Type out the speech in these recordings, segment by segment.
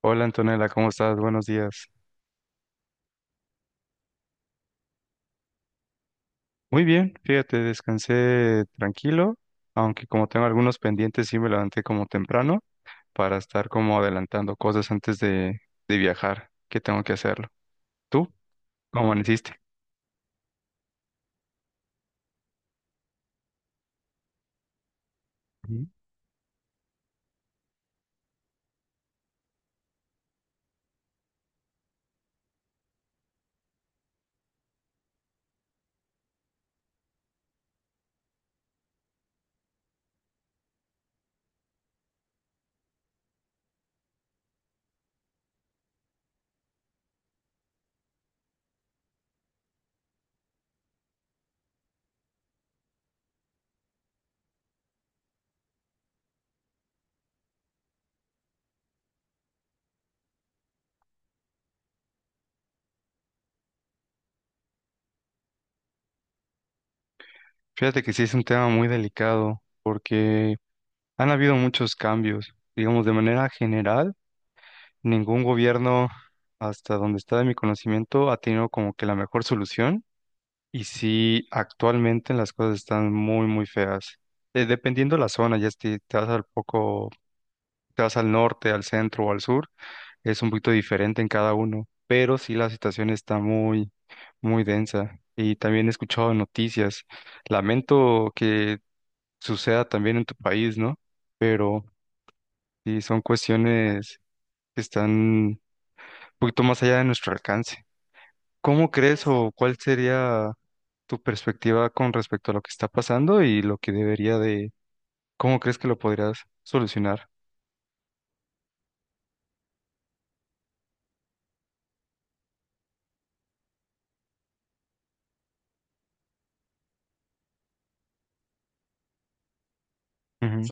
Hola Antonella, ¿cómo estás? Buenos días. Muy bien, fíjate, descansé tranquilo, aunque como tengo algunos pendientes, sí me levanté como temprano para estar como adelantando cosas antes de viajar, que tengo que hacerlo. ¿Tú? ¿Cómo amaneciste? Ujú. Fíjate que sí es un tema muy delicado porque han habido muchos cambios, digamos, de manera general, ningún gobierno, hasta donde está de mi conocimiento, ha tenido como que la mejor solución. Y sí, actualmente las cosas están muy, muy feas. Dependiendo de la zona, ya si te vas al poco, te vas al norte, al centro o al sur, es un poquito diferente en cada uno, pero sí la situación está muy, muy densa. Y también he escuchado noticias. Lamento que suceda también en tu país, ¿no? Pero sí, son cuestiones que están un poquito más allá de nuestro alcance. ¿Cómo crees o cuál sería tu perspectiva con respecto a lo que está pasando y lo que debería cómo crees que lo podrías solucionar? Ujú.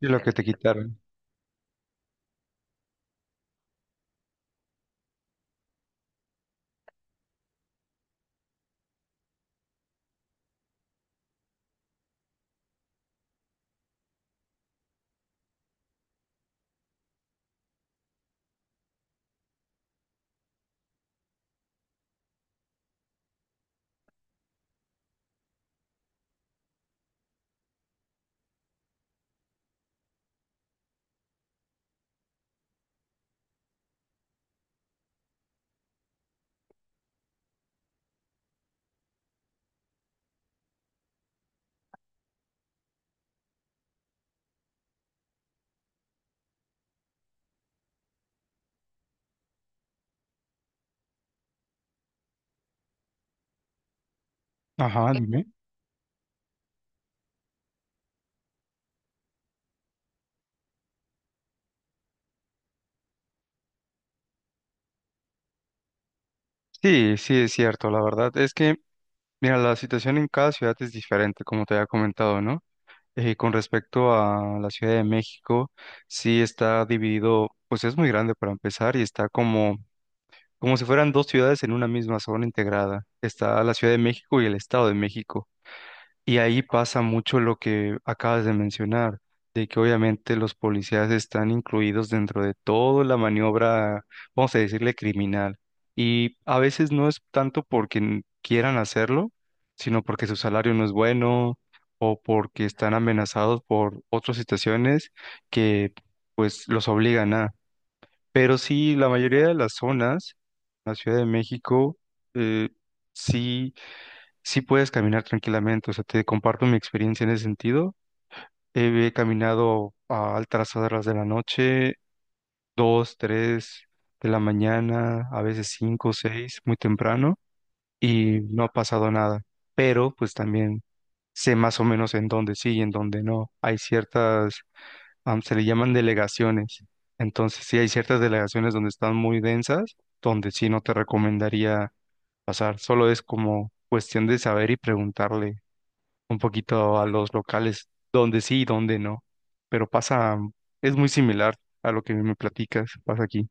Y lo que te quitaron. Ajá, dime. Sí, sí, es cierto, la verdad. Es que, mira, la situación en cada ciudad es diferente, como te había comentado, ¿no? Con respecto a la Ciudad de México, sí está dividido, pues es muy grande para empezar y está como, como si fueran dos ciudades en una misma zona integrada. Está la Ciudad de México y el Estado de México. Y ahí pasa mucho lo que acabas de mencionar, de que obviamente los policías están incluidos dentro de toda la maniobra, vamos a decirle, criminal. Y a veces no es tanto porque quieran hacerlo, sino porque su salario no es bueno o porque están amenazados por otras situaciones que pues los obligan a. Pero sí, la mayoría de las zonas, la Ciudad de México, eh, sí sí puedes caminar tranquilamente. O sea, te comparto mi experiencia en ese sentido. He caminado a altas horas de la noche, dos, tres de la mañana, a veces cinco, seis, muy temprano, y no ha pasado nada. Pero pues también sé más o menos en dónde sí y en dónde no. Hay ciertas, se le llaman delegaciones. Entonces, sí hay ciertas delegaciones donde están muy densas, donde sí no te recomendaría pasar. Solo es como cuestión de saber y preguntarle un poquito a los locales, donde sí y donde no. Pero pasa, es muy similar a lo que me platicas, pasa aquí.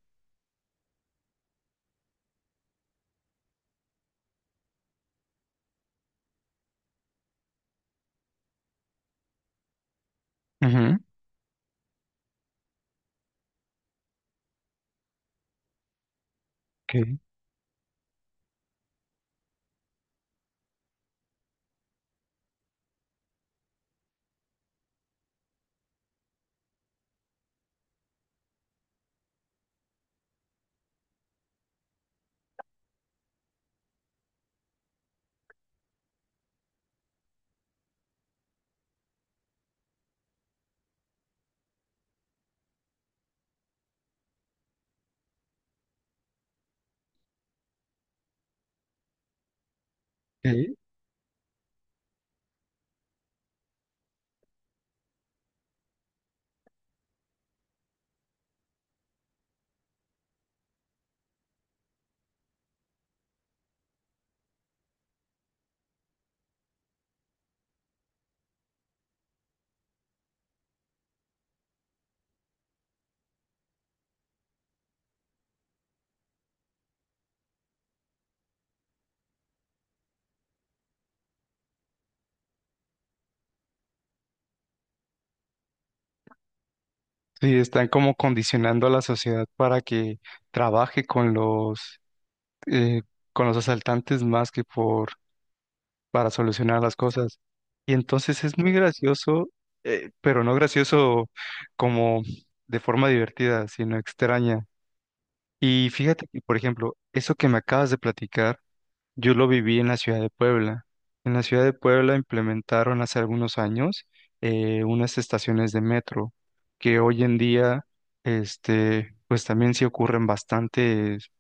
Ujú, ok, ok. Sí, están como condicionando a la sociedad para que trabaje con eh, con los asaltantes más que para solucionar las cosas. Y entonces es muy gracioso, pero no gracioso como de forma divertida, sino extraña. Y fíjate que, por ejemplo, eso que me acabas de platicar, yo lo viví en la ciudad de Puebla. En la ciudad de Puebla implementaron hace algunos años unas estaciones de metro que hoy en día, este, pues también sí ocurren bastantes,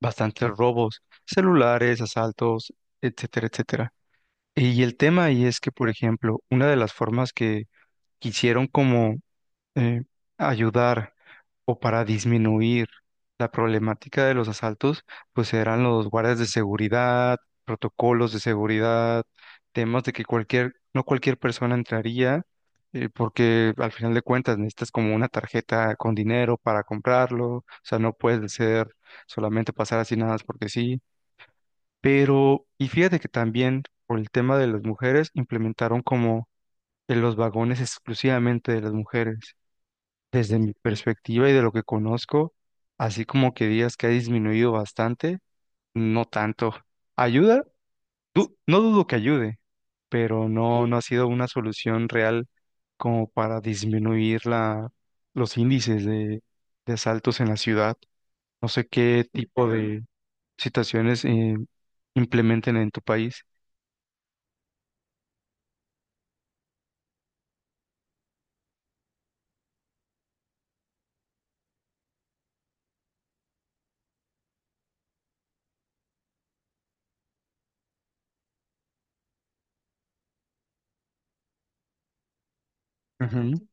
bastantes robos, celulares, asaltos, etcétera, etcétera. Y el tema ahí es que, por ejemplo, una de las formas que quisieron como eh, ayudar o para disminuir la problemática de los asaltos, pues eran los guardias de seguridad, protocolos de seguridad, temas de que cualquier, no cualquier persona entraría, porque al final de cuentas necesitas como una tarjeta con dinero para comprarlo, o sea, no puede ser solamente pasar así nada más porque sí. Pero, y fíjate que también por el tema de las mujeres implementaron como en los vagones exclusivamente de las mujeres. Desde mi perspectiva y de lo que conozco, así como que digas que ha disminuido bastante, no tanto. ¿Ayuda? No dudo que ayude, pero no, no ha sido una solución real como para disminuir la, los índices de asaltos en la ciudad. No sé qué tipo de situaciones implementen en tu país. Ujú.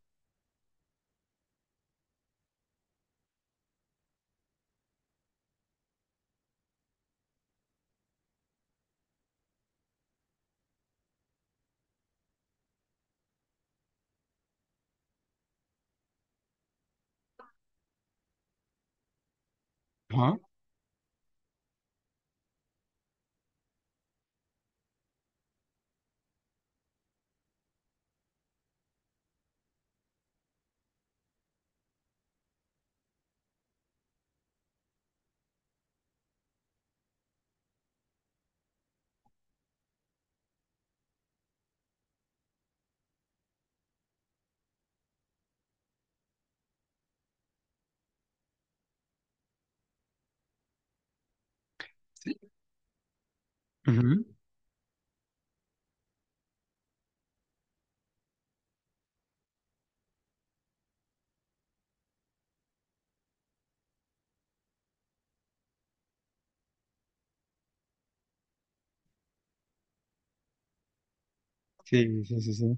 Ajá. Sí. Ujú. Sí, sí, sí, sí.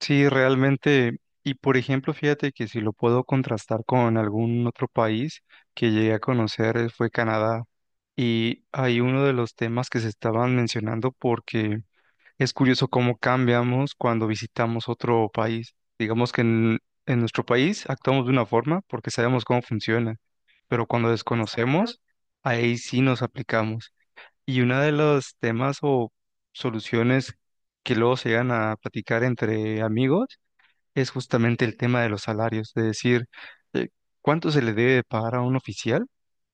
Sí, realmente, y por ejemplo, fíjate que si lo puedo contrastar con algún otro país que llegué a conocer fue Canadá. Y hay uno de los temas que se estaban mencionando porque es curioso cómo cambiamos cuando visitamos otro país. Digamos que en nuestro país actuamos de una forma porque sabemos cómo funciona, pero cuando Exacto. desconocemos, ahí sí nos aplicamos. Y uno de los temas o soluciones que luego se llegan a platicar entre amigos es justamente el tema de los salarios, de decir, eh, ¿cuánto se le debe de pagar a un oficial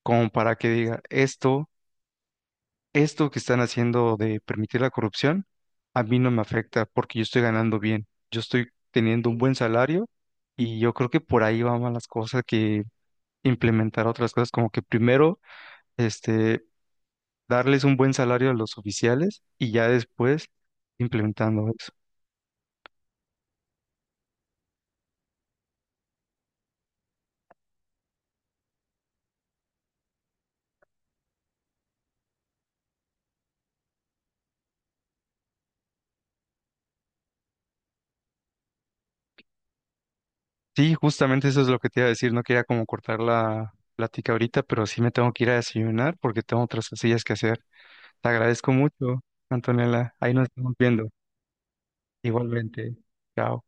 como para que diga esto, esto que están haciendo de permitir la corrupción, a mí no me afecta porque yo estoy ganando bien, yo estoy teniendo un buen salario y yo creo que por ahí van más las cosas que implementar otras cosas, como que primero, este, darles un buen salario a los oficiales y ya después implementando eso. Sí, justamente eso es lo que te iba a decir. No quería como cortar la plática ahorita, pero sí me tengo que ir a desayunar porque tengo otras cosillas que hacer. Te agradezco mucho, Antonella. Ahí nos estamos viendo. Igualmente. Chao.